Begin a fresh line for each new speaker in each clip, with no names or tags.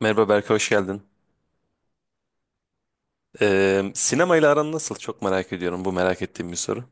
Merhaba Berk, hoş geldin. Sinemayla aran nasıl? Çok merak ediyorum. Bu merak ettiğim bir soru.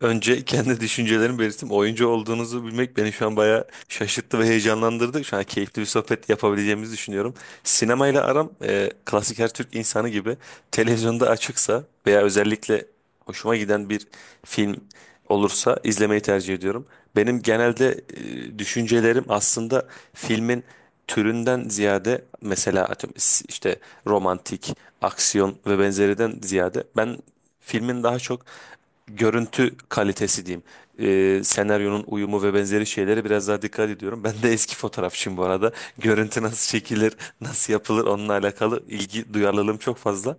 Önce kendi düşüncelerimi belirttim. Oyuncu olduğunuzu bilmek beni şu an bayağı şaşırttı ve heyecanlandırdı. Şu an keyifli bir sohbet yapabileceğimizi düşünüyorum. Sinemayla aram klasik her Türk insanı gibi televizyonda açıksa veya özellikle hoşuma giden bir film olursa izlemeyi tercih ediyorum. Benim genelde düşüncelerim aslında filmin türünden ziyade mesela atıyorum işte romantik, aksiyon ve benzeriden ziyade ben filmin daha çok görüntü kalitesi diyeyim. Senaryonun uyumu ve benzeri şeylere biraz daha dikkat ediyorum. Ben de eski fotoğrafçıyım bu arada. Görüntü nasıl çekilir, nasıl yapılır onunla alakalı ilgi duyarlılığım çok fazla.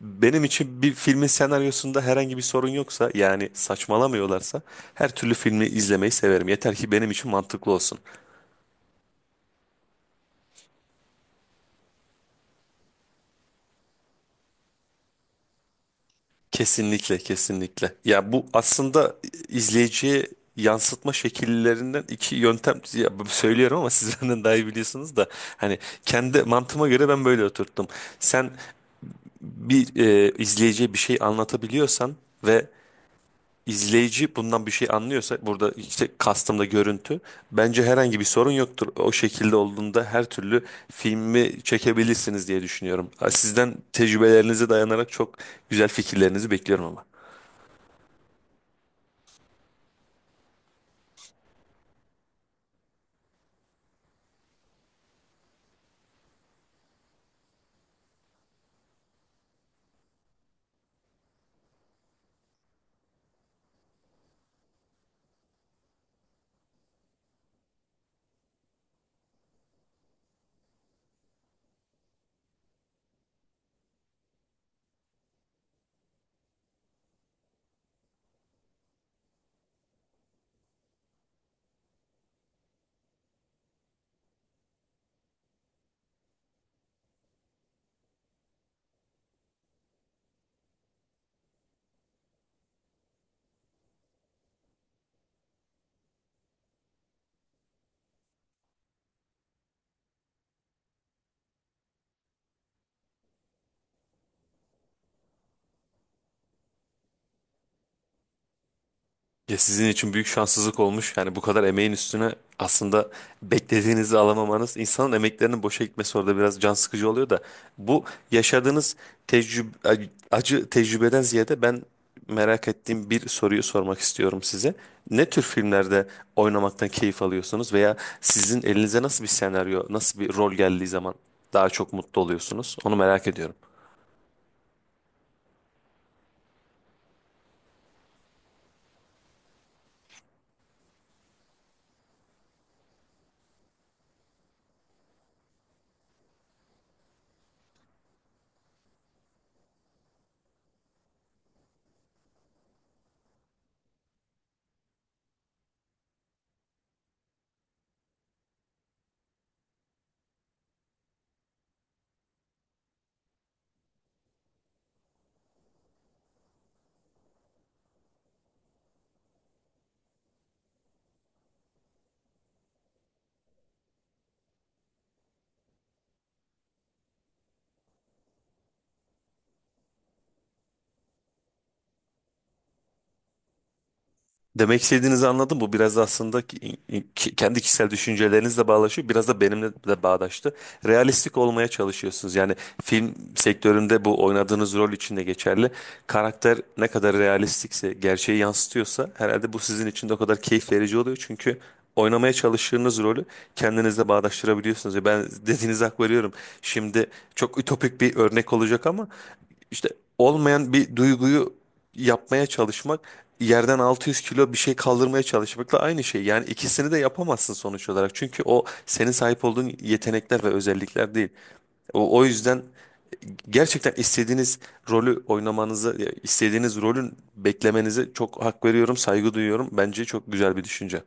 Benim için bir filmin senaryosunda herhangi bir sorun yoksa yani saçmalamıyorlarsa her türlü filmi izlemeyi severim. Yeter ki benim için mantıklı olsun. Kesinlikle, kesinlikle. Ya bu aslında izleyiciye yansıtma şekillerinden iki yöntem ya söylüyorum ama siz benden daha iyi biliyorsunuz da hani kendi mantığıma göre ben böyle oturttum. Sen bir izleyiciye bir şey anlatabiliyorsan ve izleyici bundan bir şey anlıyorsa burada işte kastımda görüntü bence herhangi bir sorun yoktur. O şekilde olduğunda her türlü filmi çekebilirsiniz diye düşünüyorum. Sizden tecrübelerinize dayanarak çok güzel fikirlerinizi bekliyorum ama. Ya sizin için büyük şanssızlık olmuş. Yani bu kadar emeğin üstüne aslında beklediğinizi alamamanız insanın emeklerinin boşa gitmesi orada biraz can sıkıcı oluyor da bu yaşadığınız tecrübe, acı tecrübeden ziyade ben merak ettiğim bir soruyu sormak istiyorum size. Ne tür filmlerde oynamaktan keyif alıyorsunuz veya sizin elinize nasıl bir senaryo, nasıl bir rol geldiği zaman daha çok mutlu oluyorsunuz? Onu merak ediyorum. Demek istediğinizi anladım. Bu biraz aslında kendi kişisel düşüncelerinizle bağdaşıyor. Biraz da benimle de bağdaştı. Realistik olmaya çalışıyorsunuz. Yani film sektöründe bu oynadığınız rol için de geçerli. Karakter ne kadar realistikse, gerçeği yansıtıyorsa herhalde bu sizin için de o kadar keyif verici oluyor. Çünkü oynamaya çalıştığınız rolü kendinizle bağdaştırabiliyorsunuz. Ya ben dediğinize hak veriyorum. Şimdi çok ütopik bir örnek olacak ama işte olmayan bir duyguyu yapmaya çalışmak yerden 600 kilo bir şey kaldırmaya çalışmakla aynı şey. Yani ikisini de yapamazsın sonuç olarak. Çünkü o senin sahip olduğun yetenekler ve özellikler değil. O yüzden gerçekten istediğiniz rolü oynamanızı, istediğiniz rolün beklemenize çok hak veriyorum, saygı duyuyorum. Bence çok güzel bir düşünce.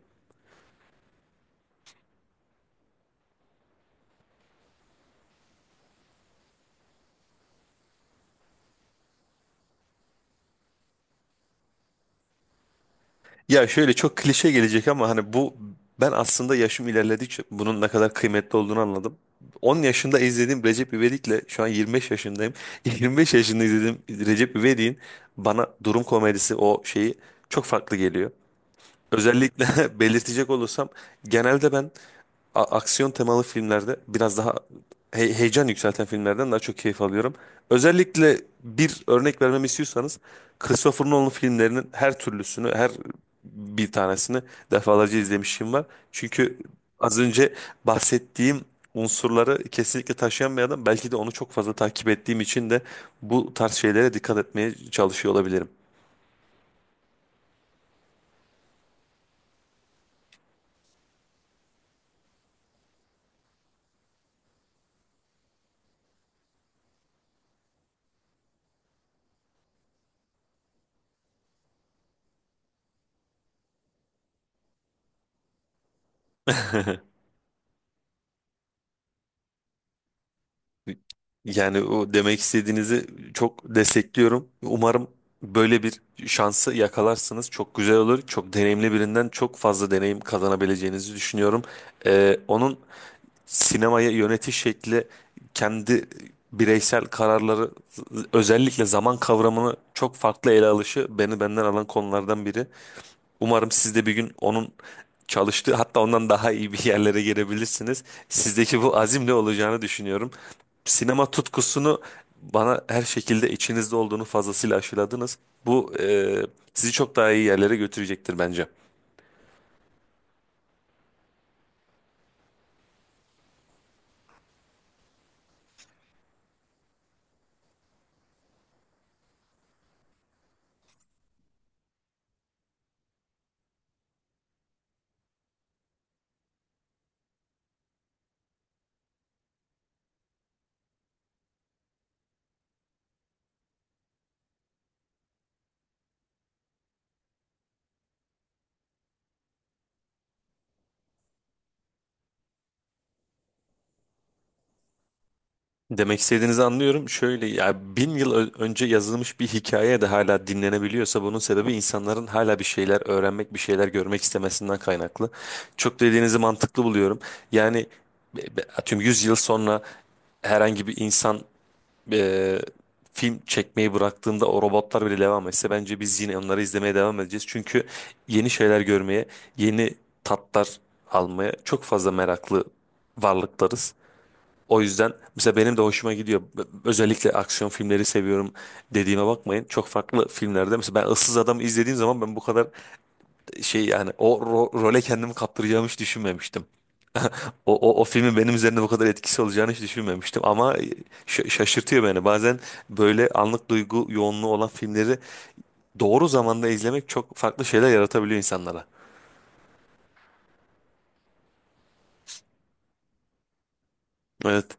Ya şöyle çok klişe gelecek ama hani bu ben aslında yaşım ilerledikçe bunun ne kadar kıymetli olduğunu anladım. 10 yaşında izlediğim Recep İvedik'le şu an 25 yaşındayım. 25 yaşında izlediğim Recep İvedik'in bana durum komedisi o şeyi çok farklı geliyor. Özellikle belirtecek olursam genelde ben aksiyon temalı filmlerde biraz daha heyecan yükselten filmlerden daha çok keyif alıyorum. Özellikle bir örnek vermemi istiyorsanız Christopher Nolan filmlerinin her türlüsünü, her bir tanesini defalarca izlemişim var. Çünkü az önce bahsettiğim unsurları kesinlikle taşıyan bir adam. Belki de onu çok fazla takip ettiğim için de bu tarz şeylere dikkat etmeye çalışıyor olabilirim. Yani o demek istediğinizi çok destekliyorum. Umarım böyle bir şansı yakalarsınız. Çok güzel olur. Çok deneyimli birinden çok fazla deneyim kazanabileceğinizi düşünüyorum. Onun sinemaya yönetiş şekli, kendi bireysel kararları, özellikle zaman kavramını çok farklı ele alışı beni benden alan konulardan biri. Umarım siz de bir gün onun çalıştığı hatta ondan daha iyi bir yerlere gelebilirsiniz. Sizdeki bu azimle olacağını düşünüyorum. Sinema tutkusunu bana her şekilde içinizde olduğunu fazlasıyla aşıladınız. Bu sizi çok daha iyi yerlere götürecektir bence. Demek istediğinizi anlıyorum. Şöyle ya 1000 yıl önce yazılmış bir hikaye de hala dinlenebiliyorsa bunun sebebi insanların hala bir şeyler öğrenmek, bir şeyler görmek istemesinden kaynaklı. Çok dediğinizi mantıklı buluyorum. Yani atıyorum 100 yıl sonra herhangi bir insan e, film çekmeyi bıraktığında o robotlar bile devam etse bence biz yine onları izlemeye devam edeceğiz. Çünkü yeni şeyler görmeye, yeni tatlar almaya çok fazla meraklı varlıklarız. O yüzden mesela benim de hoşuma gidiyor. Özellikle aksiyon filmleri seviyorum dediğime bakmayın. Çok farklı filmlerde mesela ben Issız Adam'ı izlediğim zaman ben bu kadar şey yani o role kendimi kaptıracağımı hiç düşünmemiştim. O filmin benim üzerinde bu kadar etkisi olacağını hiç düşünmemiştim ama şaşırtıyor beni. Bazen böyle anlık duygu yoğunluğu olan filmleri doğru zamanda izlemek çok farklı şeyler yaratabiliyor insanlara. Evet.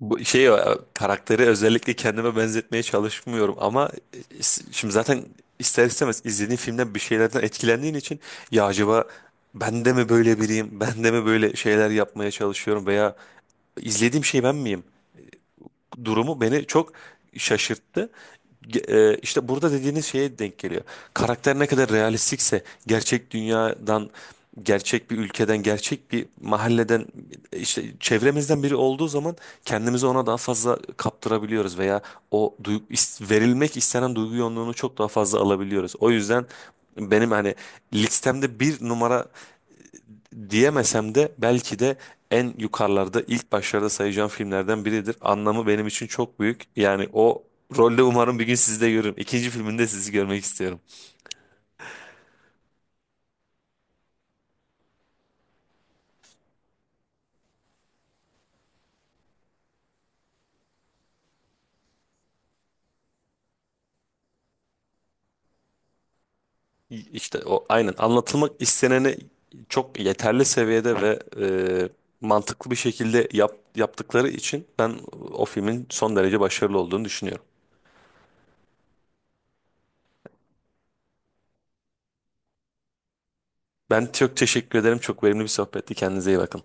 Bu şey karakteri özellikle kendime benzetmeye çalışmıyorum ama şimdi zaten ister istemez izlediğin filmden bir şeylerden etkilendiğin için ya acaba ben de mi böyle biriyim? Ben de mi böyle şeyler yapmaya çalışıyorum veya izlediğim şey ben miyim? Durumu beni çok şaşırttı. İşte burada dediğiniz şeye denk geliyor. Karakter ne kadar realistikse gerçek dünyadan gerçek bir ülkeden, gerçek bir mahalleden işte çevremizden biri olduğu zaman kendimizi ona daha fazla kaptırabiliyoruz veya o verilmek istenen duygu yoğunluğunu çok daha fazla alabiliyoruz. O yüzden benim hani listemde bir numara diyemesem de belki de en yukarılarda ilk başlarda sayacağım filmlerden biridir. Anlamı benim için çok büyük. Yani o rolde umarım bir gün sizi de görürüm. İkinci filminde sizi görmek istiyorum. İşte o aynen anlatılmak isteneni çok yeterli seviyede ve mantıklı bir şekilde yap, yaptıkları için ben o filmin son derece başarılı olduğunu düşünüyorum. Ben çok teşekkür ederim. Çok verimli bir sohbetti. Kendinize iyi bakın.